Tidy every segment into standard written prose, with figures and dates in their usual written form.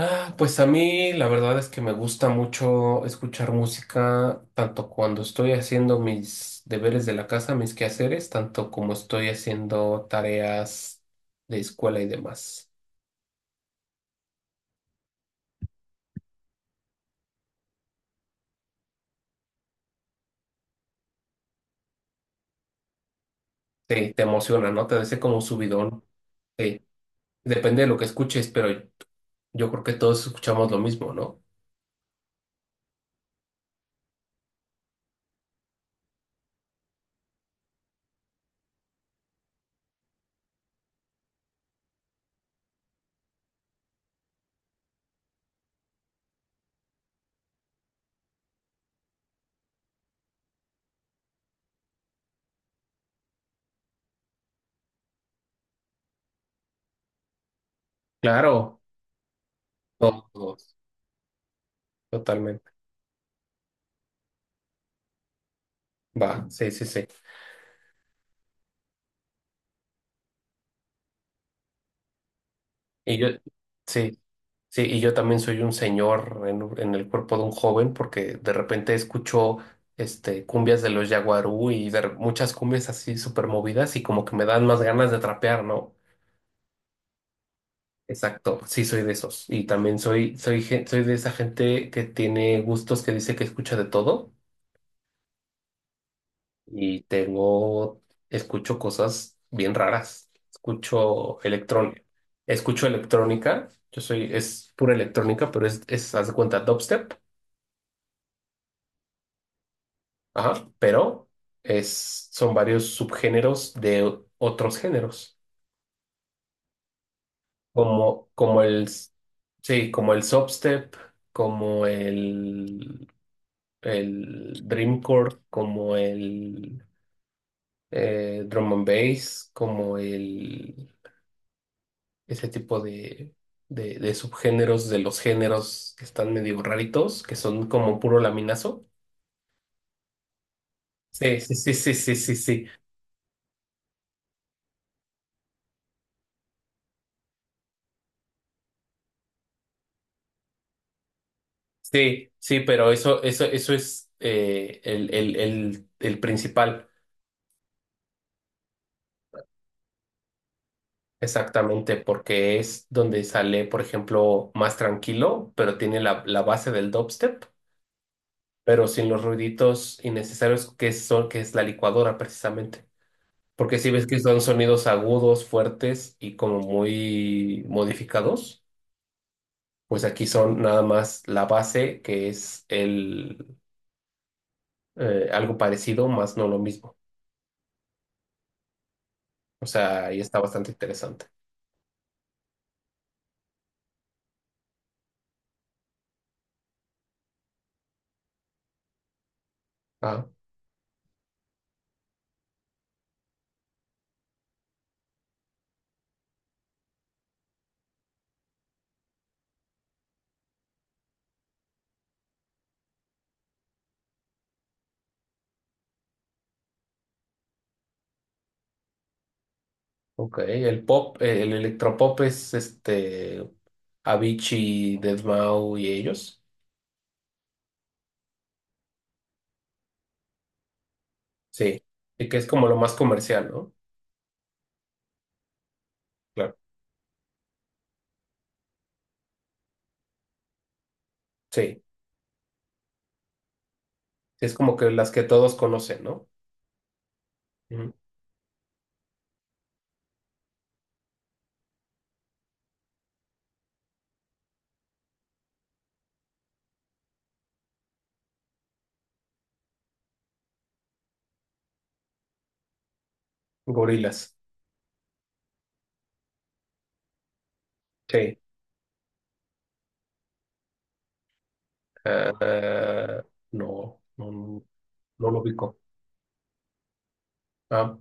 Ah, pues a mí la verdad es que me gusta mucho escuchar música, tanto cuando estoy haciendo mis deberes de la casa, mis quehaceres, tanto como estoy haciendo tareas de escuela y demás. Sí, te emociona, ¿no? Te da ese como subidón. Sí, depende de lo que escuches, pero yo creo que todos escuchamos lo mismo, ¿no? Claro. Todos, totalmente. Va, sí, sí, sí. Y yo, sí. Sí, y yo también soy un señor en en el cuerpo de un joven porque de repente escucho cumbias de los Yaguarú y muchas cumbias así súper movidas y como que me dan más ganas de trapear, ¿no? Exacto, sí soy de esos. Y también soy de esa gente que tiene gustos que dice que escucha de todo y escucho cosas bien raras. Escucho electrónica, es pura electrónica, pero haz de cuenta, dubstep. Ajá, pero son varios subgéneros de otros géneros, como el, sí, como el substep, como el, el dreamcore, como el drum and bass, ese tipo de subgéneros de los géneros que están medio raritos, que son como puro laminazo. Sí, sí, sí, sí, sí, sí, sí. Sí, sí, pero eso es el principal, exactamente, porque es donde sale, por ejemplo, más tranquilo, pero tiene la base del dubstep, pero sin los ruiditos innecesarios que es la licuadora, precisamente. Porque si ves que son sonidos agudos, fuertes y como muy modificados, pues aquí son nada más la base, que es el algo parecido, más no lo mismo. O sea, ahí está bastante interesante. Ajá. Ok, el electropop es este Avicii, Deadmau y ellos. Sí, y que es como lo más comercial, ¿no? Claro. Sí, es como que las que todos conocen, ¿no? Ujú. Gorilas. Sí. Ah, ah, no, no, no lo ubico. Ah,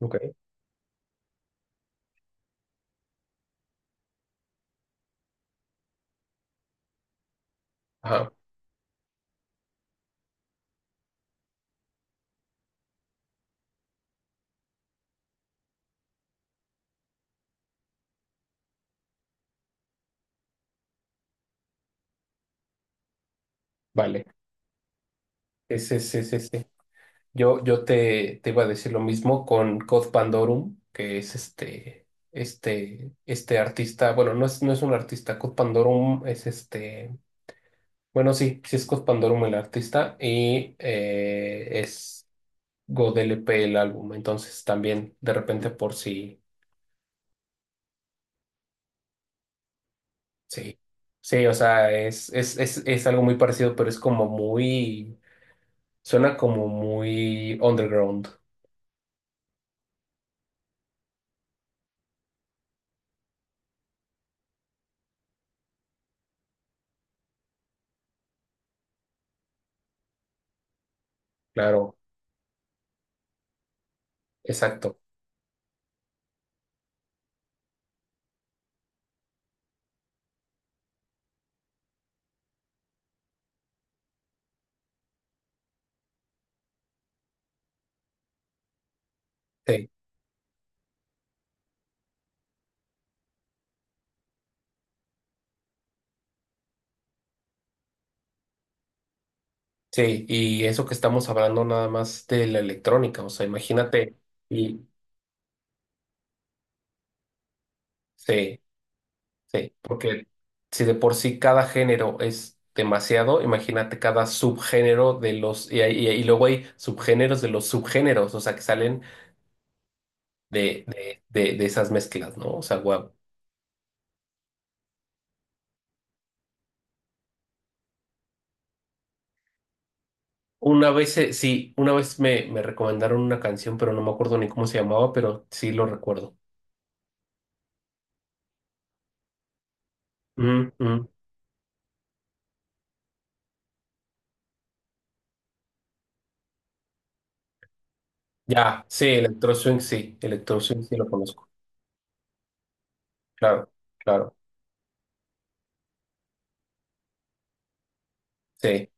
ok. Ajá, vale. Ese, ese, ese. Yo te iba a decir lo mismo con Cod Pandorum, que es este artista, bueno, no es un artista, Cod Pandorum es bueno, sí, sí es Cod Pandorum el artista y es God LP el álbum, entonces también de repente por si sí, sí, o sea, es algo muy parecido, suena como muy underground, claro, exacto. Sí. Sí, y eso que estamos hablando nada más de la electrónica, o sea, imagínate, y sí, sí, porque si de por sí cada género es demasiado, imagínate cada subgénero de los, y, hay- y luego hay subgéneros de los subgéneros, o sea, que salen de esas mezclas, ¿no? O sea, guau. Sí, una vez me recomendaron una canción, pero no me acuerdo ni cómo se llamaba, pero sí lo recuerdo. Ujú, ujú. Ya, sí, Electro Swing, sí, Electro Swing, sí lo conozco, claro, claro. Sí,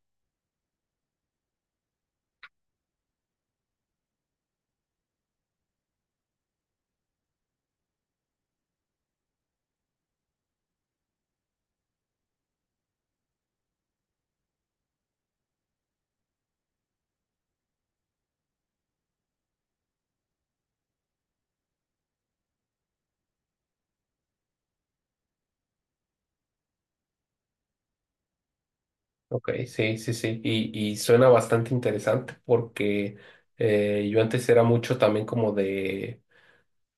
ok, sí, sí, sí. Y suena bastante interesante porque yo antes era mucho también como de,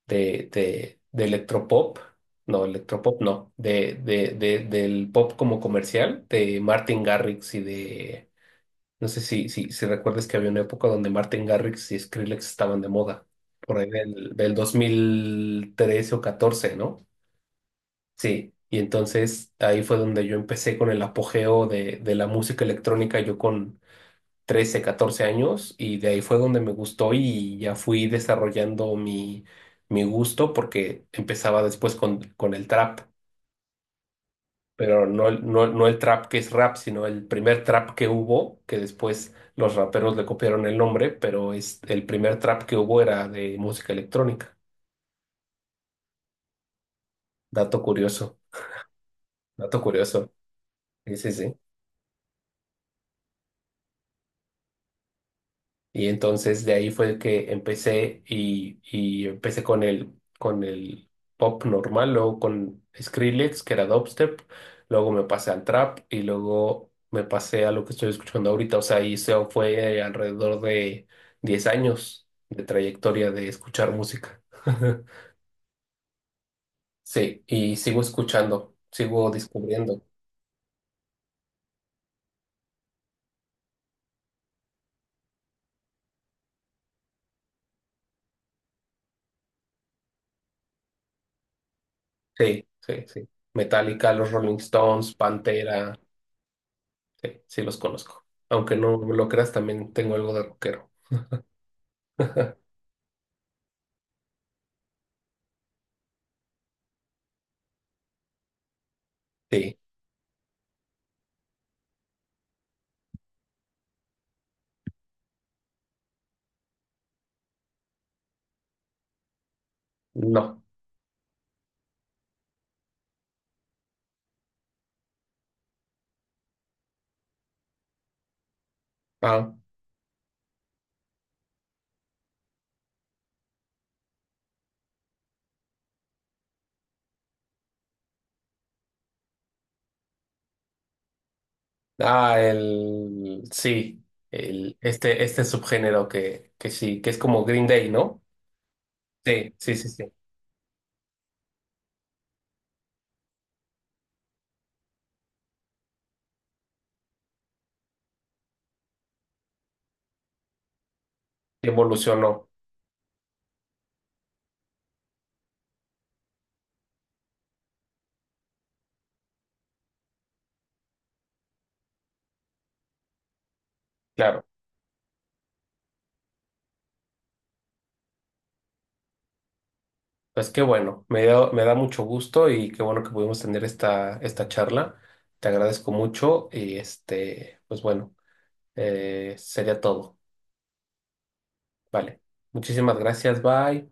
de, de, de electropop. No, electropop no. Del pop como comercial, de Martin Garrix y de. No sé si recuerdas que había una época donde Martin Garrix y Skrillex estaban de moda, por ahí del 2013 o 14, ¿no? Sí, y entonces ahí fue donde yo empecé con el apogeo de la música electrónica, yo con 13 14 años, y de ahí fue donde me gustó y ya fui desarrollando mi gusto porque empezaba después con el trap, pero no, no, no el trap que es rap, sino el primer trap que hubo, que después los raperos le copiaron el nombre, el primer trap que hubo era de música electrónica. Dato curioso, dato curioso. Sí, sí, sí. Y entonces de ahí fue que empecé y empecé con con el pop normal, luego con Skrillex, que era dubstep, luego me pasé al trap y luego me pasé a lo que estoy escuchando ahorita. O sea, y eso fue alrededor de 10 años de trayectoria de escuchar música. Sí, y sigo escuchando, sigo descubriendo. Sí, sí, sí. Metallica, los Rolling Stones, Pantera. Sí, sí los conozco. Aunque no lo creas, también tengo algo de rockero. Sí, no. Ah, ah, el sí, el este subgénero que sí, que es como Green Day, ¿no? Sí, sí, sí, sí. Evolucionó, claro. Pues qué bueno, me da mucho gusto y qué bueno que pudimos tener esta charla. Te agradezco mucho y pues bueno, sería todo. Vale. Muchísimas gracias, bye.